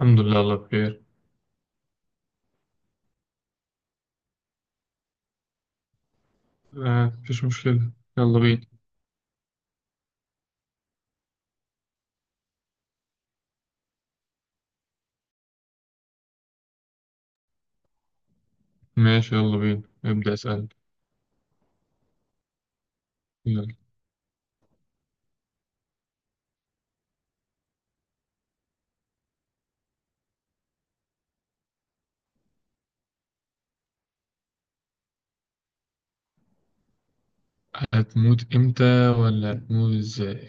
الحمد لله، الله بخير. آه، مفيش مشكلة. يلا بينا. ماشي يلا بينا، ابدأ اسأل. يلا. هتموت امتى، ولا هتموت ازاي؟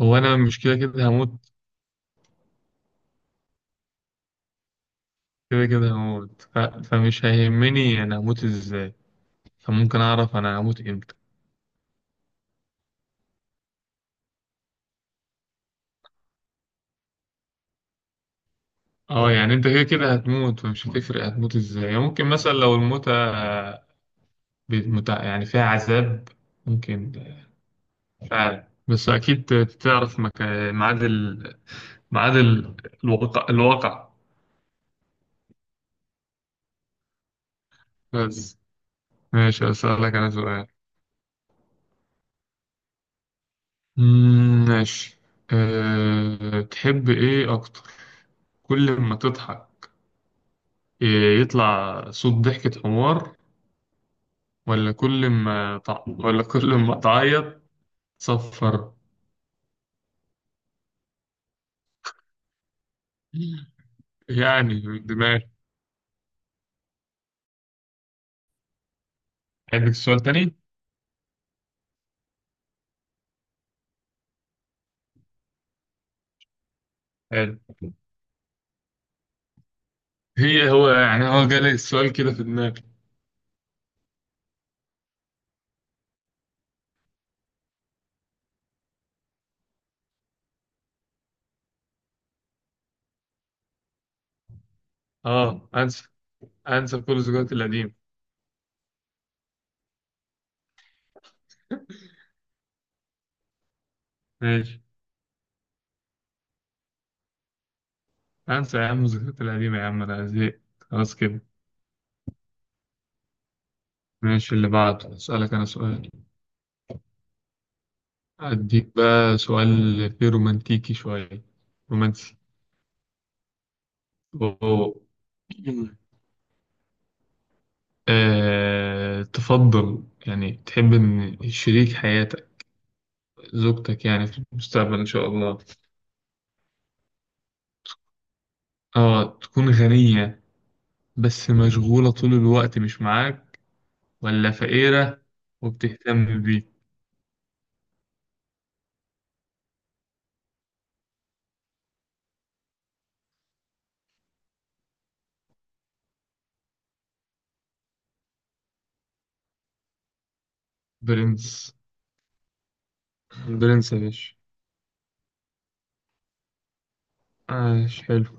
هو انا مش كده كده هموت؟ كده كده هموت، فمش هيهمني انا هموت ازاي. فممكن اعرف انا هموت امتى. اه، يعني انت كده كده هتموت، فمش هتفرق هتموت ازاي. ممكن مثلا لو الموتة يعني فيها عذاب. ممكن فعلا. بس اكيد تعرف ميعاد ال... ميعاد ال- الواقع. بس، ماشي أسألك أنا سؤال. مم، ماشي. تحب إيه أكتر؟ كل ما تضحك إيه، يطلع صوت ضحكة حمار، ولا كل ما تعيط؟ صفر. يعني من دماغي. عندك سؤال تاني؟ حلو. هو يعني هو جالي السؤال كده في دماغي. اه، انسى، انسى كل الذكريات القديمة. ماشي. انسى يا عم الذكريات القديمة، يا عم انا زهقت خلاص كده. ماشي اللي بعده، اسألك انا سؤال. أديك بقى سؤال فيه رومانتيكي شوية، رومانسي. أوه. تفضل، يعني تحب إن شريك حياتك، زوجتك يعني في المستقبل إن شاء الله، تكون غنية بس مشغولة طول الوقت مش معاك، ولا فقيرة وبتهتم بيك؟ برنس. برنس يا باشا. آه، حلو.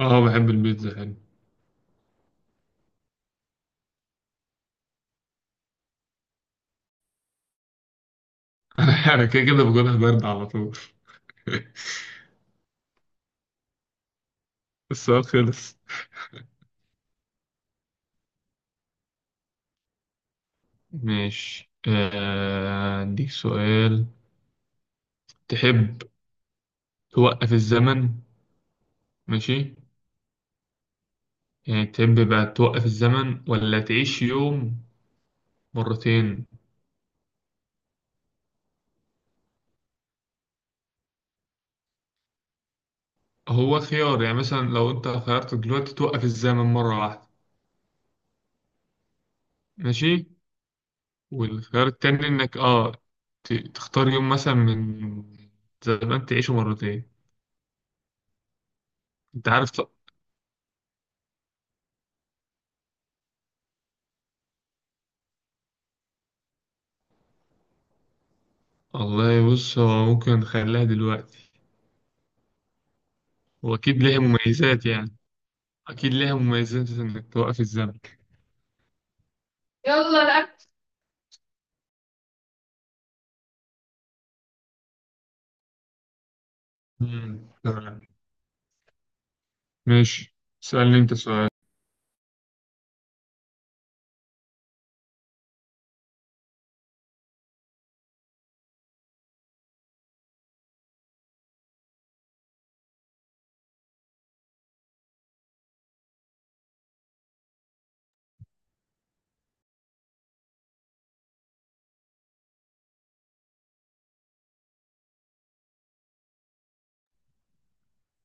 آه، بحب البيتزا، حلو. أنا كده كده باكلها باردة على طول. السؤال خلص. ماشي أديك سؤال. تحب توقف الزمن؟ ماشي. يعني تحب بقى توقف الزمن، ولا تعيش يوم مرتين؟ هو خيار، يعني مثلا لو أنت خيرت دلوقتي توقف الزمن مرة واحدة. ماشي. والخيار التاني إنك تختار يوم مثلا من زمان تعيشه مرتين. أنت عارف ط- والله بص، هو ممكن نخليها دلوقتي. وأكيد ليها مميزات يعني. أكيد ليها مميزات إنك توقف الزمن. يلا الأكل. مم، تمام. ماشي، سألني انت سؤال.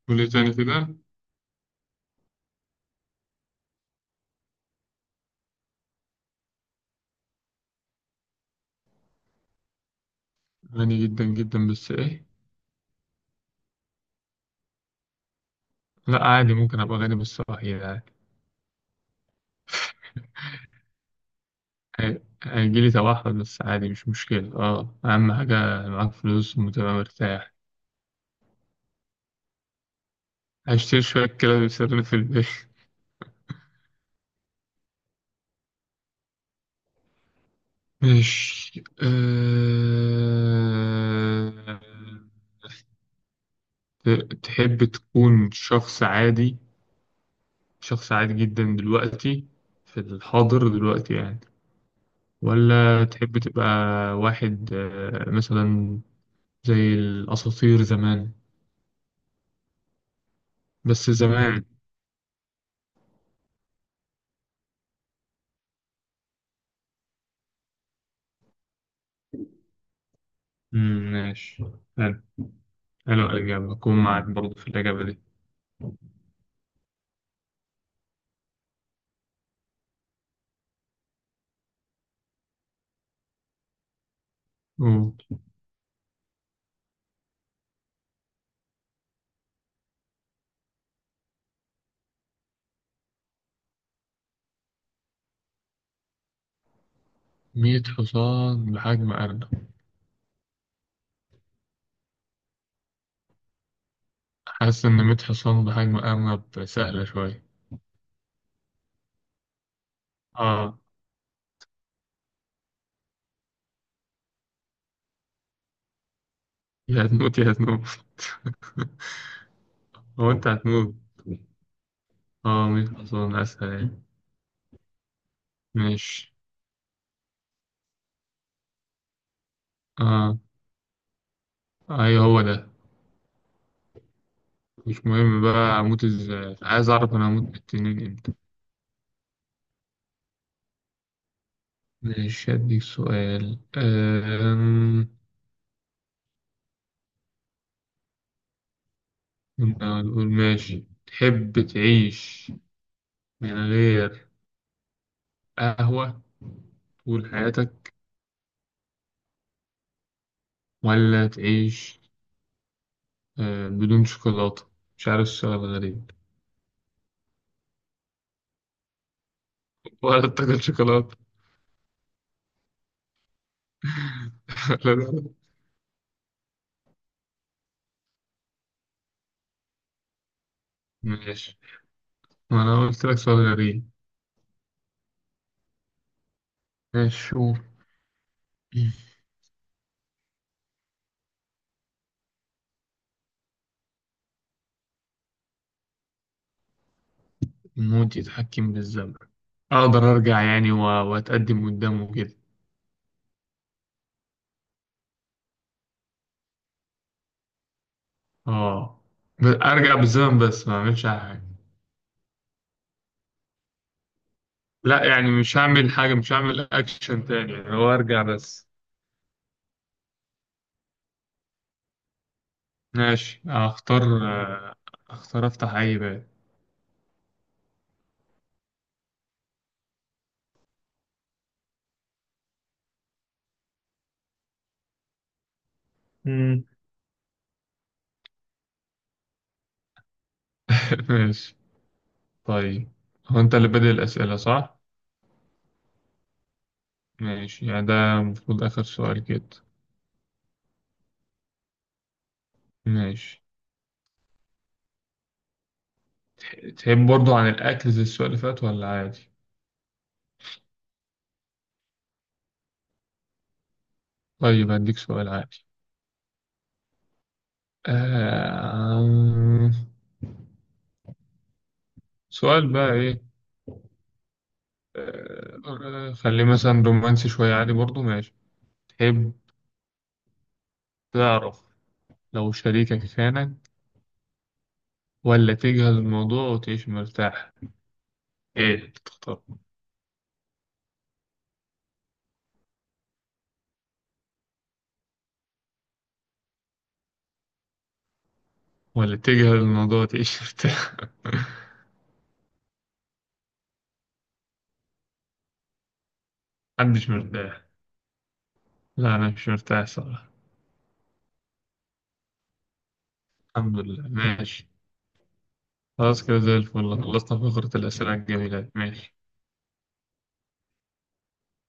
قولي تاني كده. غني جدا جدا بس ايه؟ لا عادي، ممكن ابقى غني بس صحيح، عادي. هيجيلي توحد بس عادي مش مشكلة. اه، اهم حاجة معاك فلوس وتبقى مرتاح. هشتري شوية كلاب يسرني في البيت. ماشي تحب تكون شخص عادي، شخص عادي جدا دلوقتي، في الحاضر دلوقتي يعني، ولا تحب تبقى واحد مثلا زي الأساطير زمان، بس زمان؟ مم، ماشي. حلو. حلو الإجابة، أكون معاك برضه في الإجابة دي. أوه. 100 حصان بحجم أرنب. حاسس إن 100 حصان بحجم أرنب سهلة شوية. آه. يا هتموت يا هتموت. هو أنت هتموت. آه، 100 حصان أسهل يعني. ماشي. آه أيوه، هو ده. مش مهم بقى أموت إزاي، عايز أعرف أنا هموت بالتنين إمتى. ماشي، هديك سؤال كنا نقول ماشي تحب تعيش من غير قهوة طول حياتك، ولا تعيش بدون شوكولاتة؟ مش عارف، السؤال غريب. ولا تاكل شوكولاتة؟ ولا- ماشي، وأنا قلت لك سؤال غريب. ماشي، شوف. الموت يتحكم بالزمن. أقدر أرجع يعني وأتقدم قدامه كده. آه، أرجع بالزمن بس ما أعملش أي حاجة. لا يعني، مش هعمل حاجة، مش هعمل أكشن تاني يعني، هو أرجع بس. ماشي أختار، أختار أفتح أي باب. امم. ماشي طيب. هو أنت اللي بادئ الأسئلة صح؟ ماشي، يعني ده المفروض آخر سؤال كده. ماشي. تحب برضو عن الأكل زي السؤال اللي فات ولا عادي؟ طيب، هديك سؤال عادي. آه... سؤال بقى إيه؟ خليه مثلا رومانسي شوية، عادي برضو، ماشي. تحب تعرف لو شريكك خانك، ولا تجهل الموضوع وتعيش مرتاح؟ ايه تختار؟ ولا تجهل الموضوع وتعيش مرتاح. محدش مرتاح. لا، انا مش مرتاح صراحة. الحمد لله، ماشي. خلاص كده زي الفل، خلصنا فقرة الأسئلة الجميلة دي. ماشي.